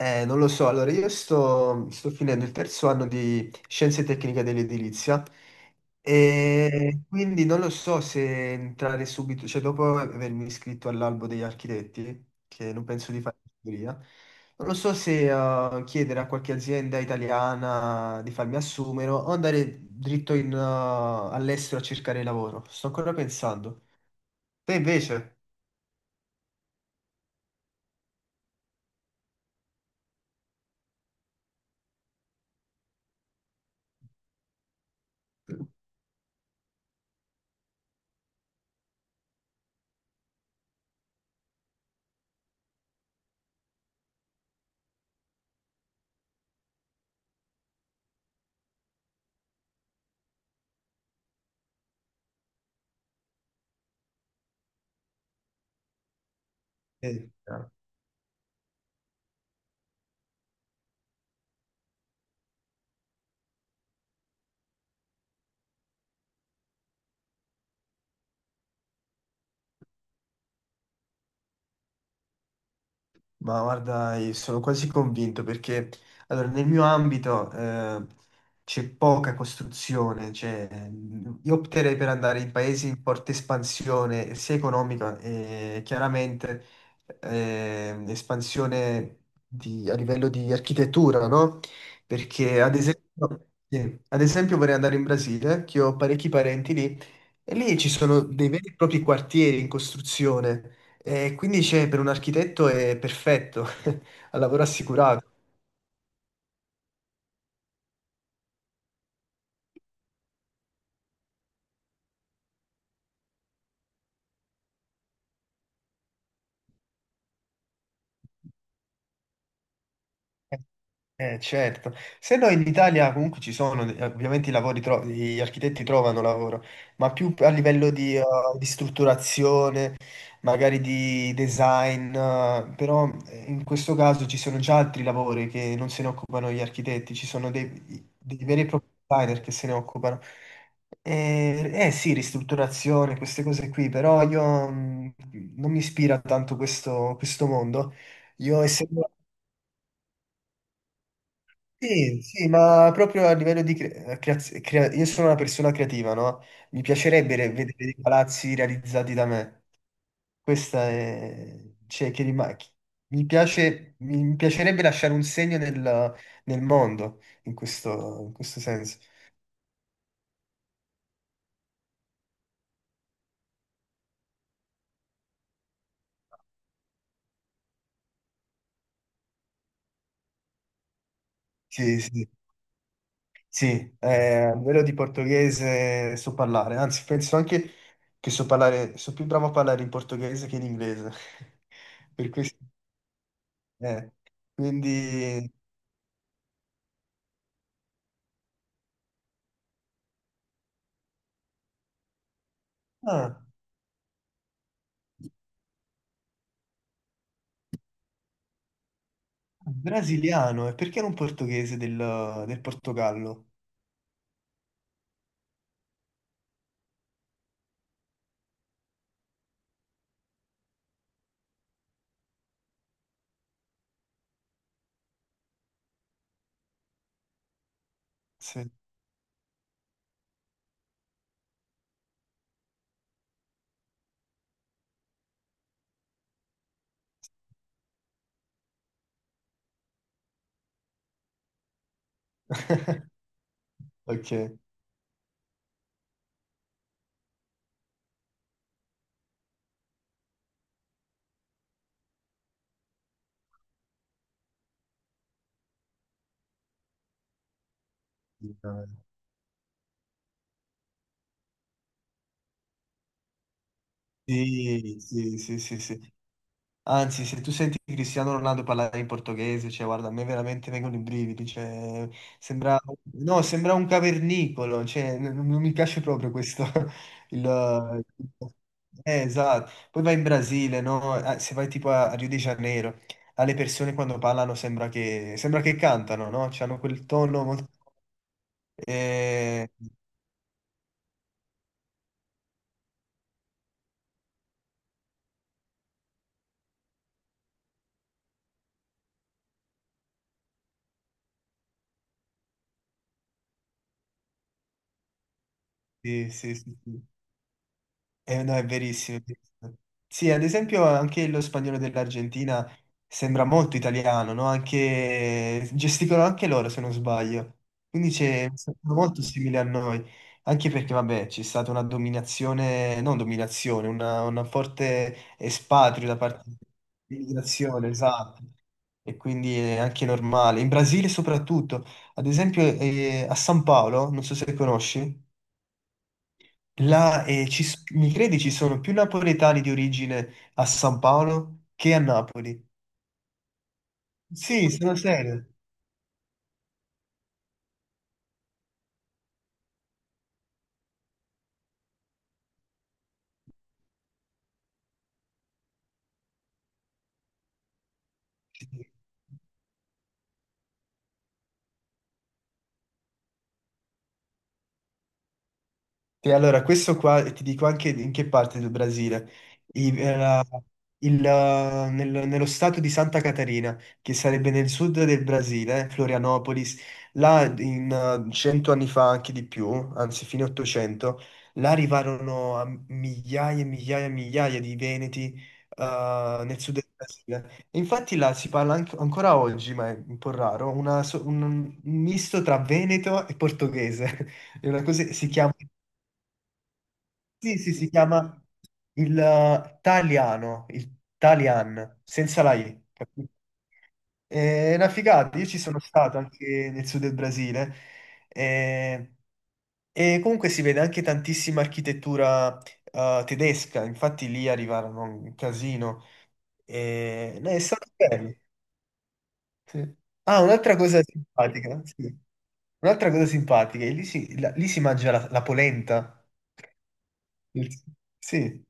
Non lo so, allora io sto finendo il terzo anno di Scienze Tecniche dell'Edilizia e quindi non lo so se entrare subito, cioè dopo avermi iscritto all'albo degli architetti, che non penso di fare ingegneria, non lo so se chiedere a qualche azienda italiana di farmi assumere o andare dritto all'estero a cercare lavoro. Sto ancora pensando. Te invece? Eh, Ma guarda, io sono quasi convinto perché allora, nel mio ambito c'è poca costruzione, cioè, io opterei per andare in paesi in forte espansione sia economica e chiaramente espansione a livello di architettura, no? Perché ad esempio, sì, ad esempio vorrei andare in Brasile, che ho parecchi parenti lì, e lì ci sono dei veri e propri quartieri in costruzione e quindi c'è, per un architetto è perfetto, ha lavoro assicurato. Certo, se no in Italia comunque ci sono, ovviamente i lavori gli architetti trovano lavoro, ma più a livello di strutturazione, magari di design, però in questo caso ci sono già altri lavori che non se ne occupano gli architetti, ci sono dei veri e propri designer che se ne occupano. Eh sì, ristrutturazione, queste cose qui, però io mm, non mi ispira tanto questo mondo. Io essendo Sì, sì, ma proprio a livello di io sono una persona creativa, no? Mi piacerebbe vedere dei palazzi realizzati da me. Cioè, che rima- chi- mi piace... mi piacerebbe lasciare un segno nel mondo, in questo senso. Sì, sì. Sì, a livello di portoghese so parlare, anzi penso anche che so parlare, so più bravo a parlare in portoghese che in inglese. Per questo... eh, Quindi... Ah. Brasiliano, e perché non portoghese del Portogallo? Sì. Ok. Sì, sì, sì, sì, sì. Anzi, se tu senti Cristiano Ronaldo parlare in portoghese, cioè, guarda, a me veramente vengono i brividi, cioè, sembra, no, sembra un cavernicolo, cioè, non, mi piace proprio questo. il- esatto. Poi vai in Brasile, no? Se vai tipo a Rio de Janeiro, alle persone quando parlano sembra che cantano, no? C'hanno quel tono molto... Eh, sì, sì, sì, sì. No, è verissimo. È verissimo. Sì, ad esempio anche lo spagnolo dell'Argentina sembra molto italiano, no? Anche... Gesticolano anche loro, se non sbaglio. Quindi c'è... sono molto simili a noi. Anche perché, vabbè, c'è stata una dominazione, non dominazione, una forte espatrio da parte dell'immigrazione, esatto. E quindi è anche normale. In Brasile soprattutto, ad esempio a San Paolo, non so se conosci. Là, mi credi ci sono più napoletani di origine a San Paolo che a Napoli? Sì, sono serio. Sì, allora, questo qua ti dico anche in che parte del Brasile. Era nello stato di Santa Catarina, che sarebbe nel sud del Brasile, Florianopolis, là in 100 anni fa, anche di più, anzi fine 800, là arrivarono a migliaia e migliaia e migliaia di veneti nel sud del Brasile. E infatti là si parla ancora oggi, ma è un po' raro, un misto tra veneto e portoghese. È una cosa, si chiama, sì, sì, si chiama il Taliano, il Talian, senza la I. Capito? È una figata, io ci sono stato anche nel sud del Brasile eh, comunque si vede anche tantissima architettura tedesca, infatti lì arrivarono un casino. E, no, è stato bello. Sì. Ah, un'altra cosa simpatica, sì. Un'altra cosa simpatica, e lì si mangia la polenta. Il- Sì.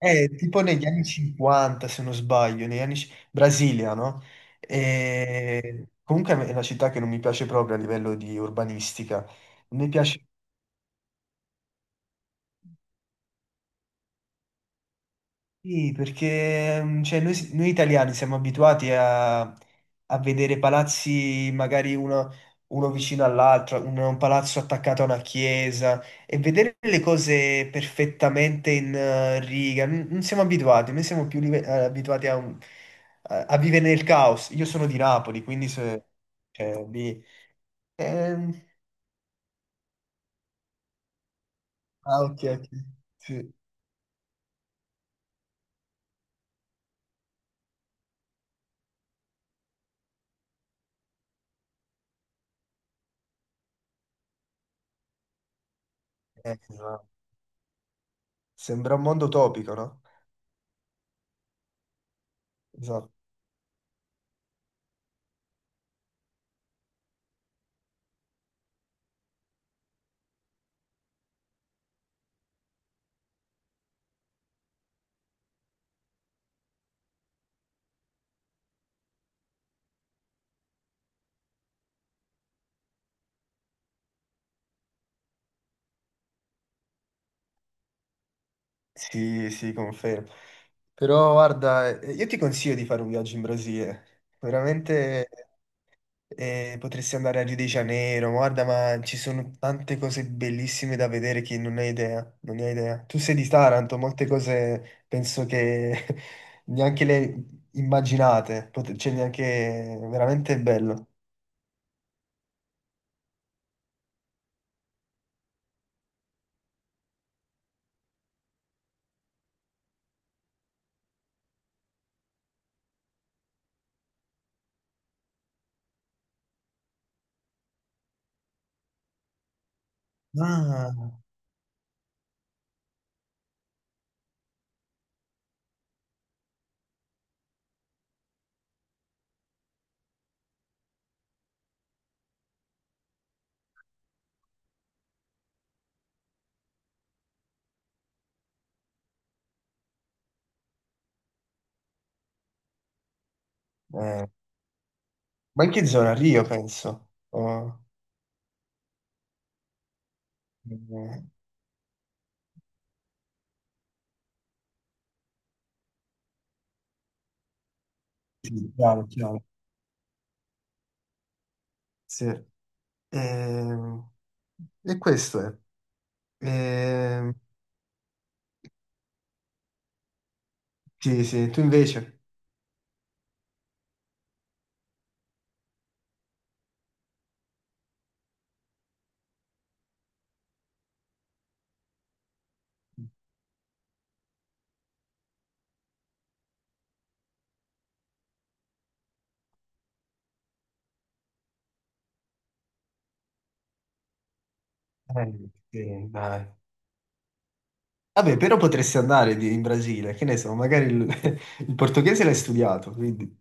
Tipo negli anni 50, se non sbaglio, Brasilia, no? E... Comunque è una città che non mi piace proprio a livello di urbanistica. Non mi piace. Sì, perché cioè, noi italiani siamo abituati a vedere palazzi magari uno vicino all'altro, un palazzo attaccato a una chiesa e vedere le cose perfettamente in riga. Non siamo abituati, noi siamo più abituati a vivere nel caos. Io sono di Napoli, quindi se, cioè, lì... ehm, ah, ok, ok. Sì. No. Sembra un mondo utopico, no? Esatto. Sì, sì, confermo. Però guarda, io ti consiglio di fare un viaggio in Brasile. Veramente potresti andare a Rio de Janeiro, guarda, ma ci sono tante cose bellissime da vedere che non hai idea, non ne hai idea. Tu sei di Taranto, molte cose penso che neanche le immaginate, cioè neanche veramente bello. Ah, eh, ma in che zona? Rio, penso. Oh, eh, sì, chiaro, chiaro. Sì. E, e questo è. E- sì, sì, tu invece? Eh, sì, dai. Vabbè, però potresti andare in Brasile, che ne so, magari il, il portoghese l'hai studiato, quindi...